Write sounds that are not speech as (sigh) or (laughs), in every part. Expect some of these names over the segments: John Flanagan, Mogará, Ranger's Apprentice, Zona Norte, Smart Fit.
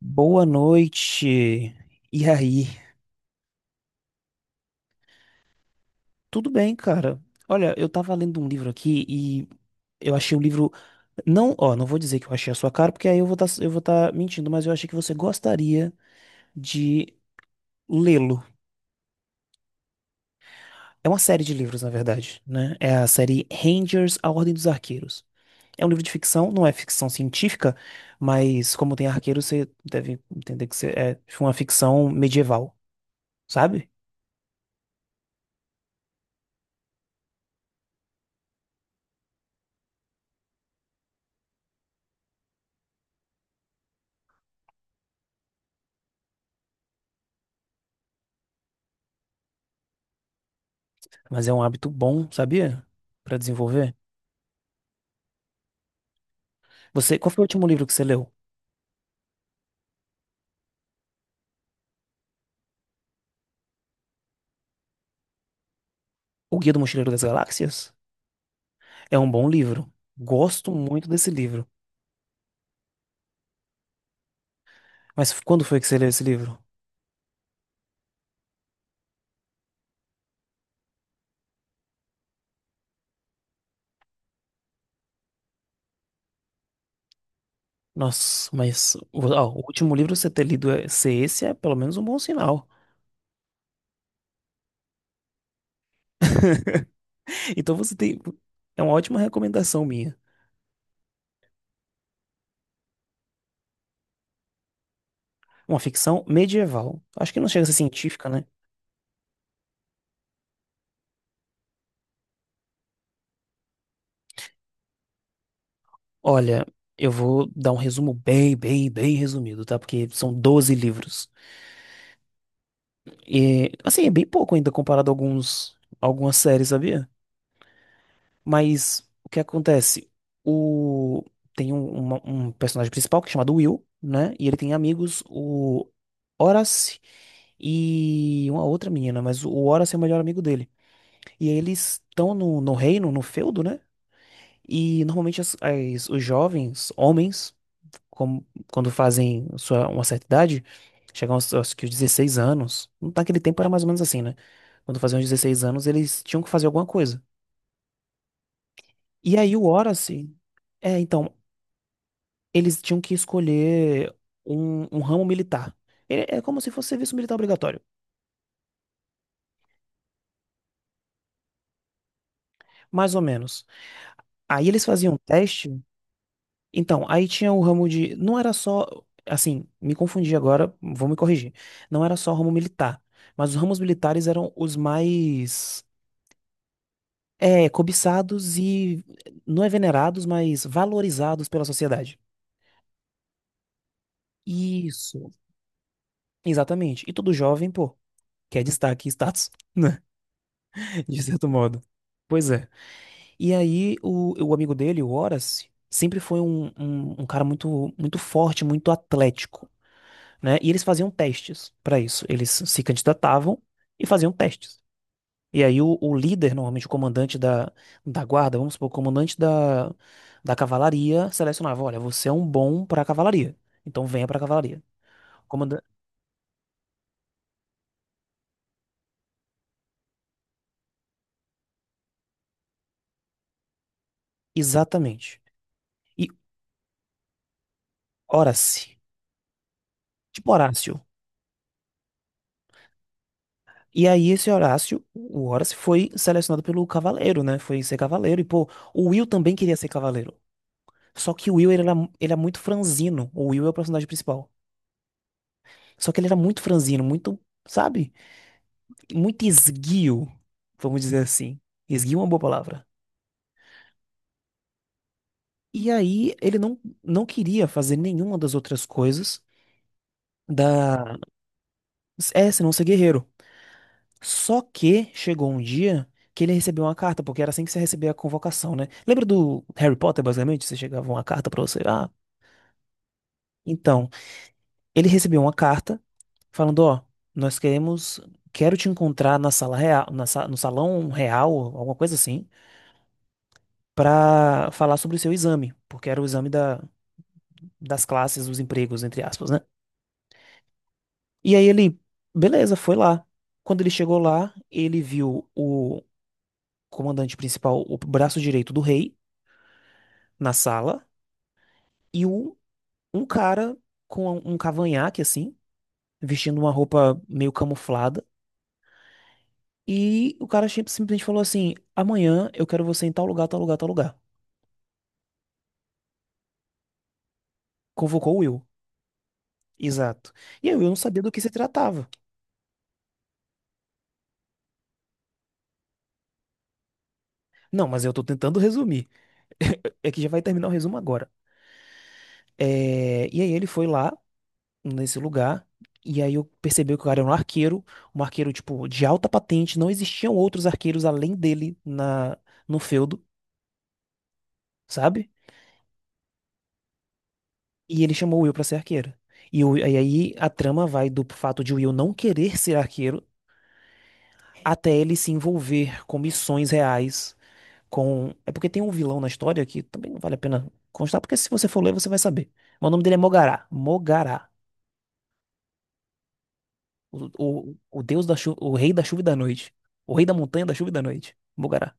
Boa noite. E aí? Tudo bem, cara? Olha, eu tava lendo um livro aqui e eu achei um livro não, ó, não vou dizer que eu achei a sua cara, porque aí eu vou tá mentindo, mas eu achei que você gostaria de lê-lo. É uma série de livros, na verdade, né? É a série Rangers, A Ordem dos Arqueiros. É um livro de ficção, não é ficção científica, mas como tem arqueiro, você deve entender que é uma ficção medieval, sabe? Mas é um hábito bom, sabia? Pra desenvolver. Você, qual foi o último livro que você leu? O Guia do Mochileiro das Galáxias? É um bom livro. Gosto muito desse livro. Mas quando foi que você leu esse livro? Nossa, mas o ó, o último livro você ter lido ser esse é pelo menos um bom sinal. (laughs) Então você tem. É uma ótima recomendação minha. Uma ficção medieval. Acho que não chega a ser científica, né? Olha, eu vou dar um resumo bem, bem, bem resumido, tá? Porque são 12 livros. E, assim, é bem pouco ainda comparado a algumas séries, sabia? Mas o que acontece? O... Tem um personagem principal que é chamado Will, né? E ele tem amigos, o Horace e uma outra menina, mas o Horace é o melhor amigo dele. E aí eles estão no reino, no feudo, né? E normalmente os jovens, homens, como- quando fazem uma certa idade, chegam aos, aos que os 16 anos. Não tá. Naquele tempo era mais ou menos assim, né? Quando faziam os 16 anos, eles tinham que fazer alguma coisa. E aí o Horace. É, então, eles tinham que escolher um ramo militar. É como se fosse serviço militar obrigatório, mais ou menos. Aí eles faziam teste. Então, aí tinha o ramo de. Não era só. Assim, me confundi agora, vou me corrigir. Não era só ramo militar, mas os ramos militares eram os mais. É, cobiçados e não é venerados, mas valorizados pela sociedade. Isso, exatamente. E todo jovem, pô, quer destaque e status, né? (laughs) De certo modo. Pois é. E aí o amigo dele, o Horace, sempre foi um cara muito, muito forte, muito atlético, né? E eles faziam testes para isso. Eles se candidatavam e faziam testes. E aí o líder, normalmente o comandante da guarda, vamos supor, o comandante da cavalaria, selecionava, olha, você é um bom para a cavalaria, então venha para a cavalaria. Comanda... Exatamente. E Horace, tipo Horácio. E aí esse Horácio, o Horácio foi selecionado pelo Cavaleiro, né? Foi ser Cavaleiro. E, pô, o Will também queria ser Cavaleiro. Só que o Will, ele era, ele é muito franzino. O Will é o personagem principal. Só que ele era muito franzino, muito, sabe? Muito esguio, vamos dizer assim. Esguio é uma boa palavra. E aí ele não queria fazer nenhuma das outras coisas. da... É, senão ser guerreiro. Só que chegou um dia que ele recebeu uma carta, porque era assim que você recebia a convocação, né? Lembra do Harry Potter, basicamente? Você chegava uma carta pra você. Ah, então, ele recebeu uma carta falando, ó, nós queremos, quero te encontrar na sala real, no salão real, alguma coisa assim, pra falar sobre o seu exame, porque era o exame das classes, dos empregos, entre aspas, né? E aí ele, beleza, foi lá. Quando ele chegou lá, ele viu o comandante principal, o braço direito do rei, na sala. E um cara com um cavanhaque, assim, vestindo uma roupa meio camuflada. E o cara simplesmente falou assim: amanhã eu quero você em tal lugar, tal lugar, tal lugar. Convocou o Will. Exato. E aí, eu não sabia do que se tratava. Não, mas eu tô tentando resumir. (laughs) É que já vai terminar o resumo agora. É, e aí ele foi lá, nesse lugar, e aí eu percebi que o cara era um arqueiro, tipo, de alta patente, não existiam outros arqueiros além dele no feudo, sabe? E ele chamou o Will pra ser arqueiro. E, e aí a trama vai do fato de o Will não querer ser arqueiro até ele se envolver com missões reais. É porque tem um vilão na história que também não vale a pena constar, porque se você for ler, você vai saber. Mas o nome dele é Mogará. Mogará. O, o deus da chuva, o rei da chuva e da noite. O rei da montanha da chuva e da noite. Mogará.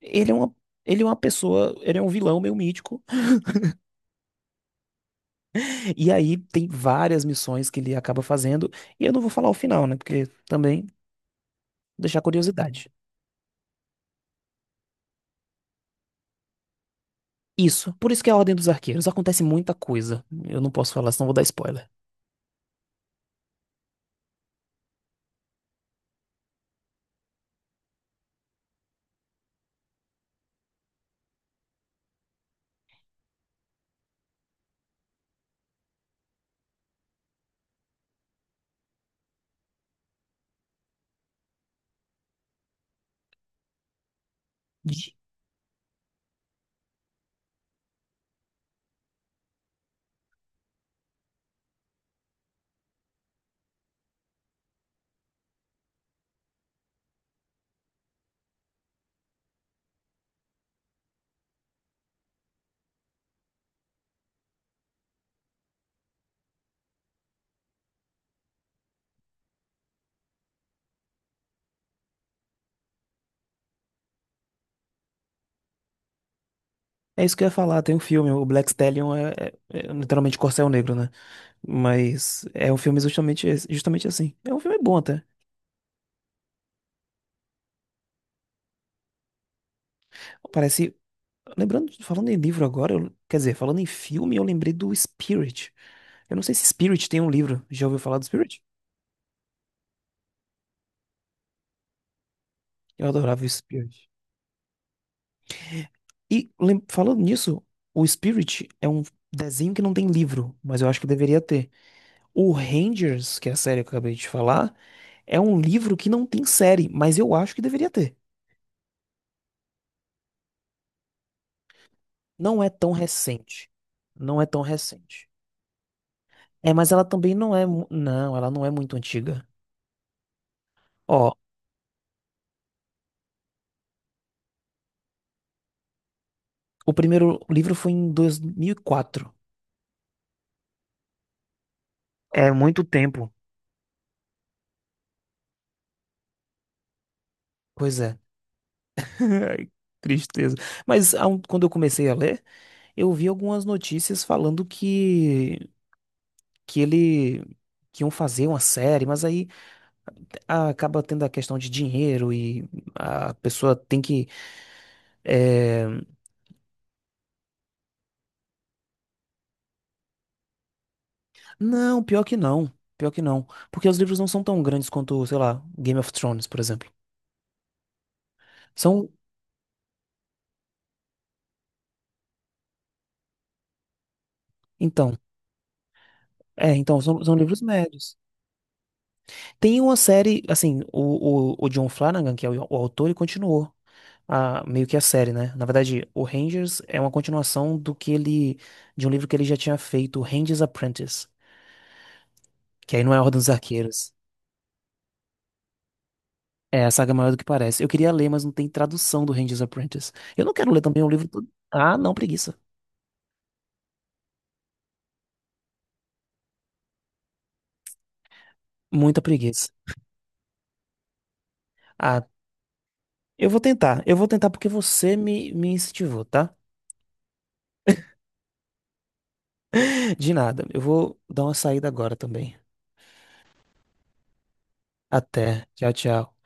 Ele é uma, ele é uma pessoa, ele é um vilão meio mítico. E aí tem várias missões que ele acaba fazendo. E eu não vou falar o final, né? Porque também deixar curiosidade. Isso. Por isso que é a Ordem dos Arqueiros. Acontece muita coisa. Eu não posso falar, senão vou dar spoiler. De- É isso que eu ia falar. Tem um filme, o Black Stallion é literalmente Corcel Negro, né? Mas é um filme justamente, justamente assim. É um filme bom até. Parece. Lembrando, falando em livro agora, quer dizer, falando em filme, eu lembrei do Spirit. Eu não sei se Spirit tem um livro. Já ouviu falar do Spirit? Eu adorava o Spirit. Falando nisso, o Spirit é um desenho que não tem livro, mas eu acho que deveria ter. O Rangers, que é a série que eu acabei de falar, é um livro que não tem série, mas eu acho que deveria ter. Não é tão recente. Não é tão recente. É, mas ela também não é. Não, ela não é muito antiga. Ó, o primeiro livro foi em 2004. É muito tempo. Pois é. (laughs) Ai, tristeza. Mas quando eu comecei a ler, eu vi algumas notícias falando que ele. Que iam fazer uma série, mas aí, acaba tendo a questão de dinheiro e a pessoa tem que. eh, Não, pior que não. Pior que não. Porque os livros não são tão grandes quanto, sei lá, Game of Thrones, por exemplo. São. Então. É, então, são livros médios. Tem uma série, assim, o John Flanagan, que é o autor, ele continuou a, meio que a série, né? Na verdade, o Rangers é uma continuação do que ele, de um livro que ele já tinha feito, Ranger's Apprentice, que aí não é a Ordem dos Arqueiros. É, a saga é maior do que parece. Eu queria ler, mas não tem tradução do Ranger's Apprentice. Eu não quero ler também um livro todo. Ah, não, preguiça. Muita preguiça. Ah, eu vou tentar. Eu vou tentar porque você me incentivou, tá? (laughs) De nada. Eu vou dar uma saída agora também. Até. Tchau, tchau.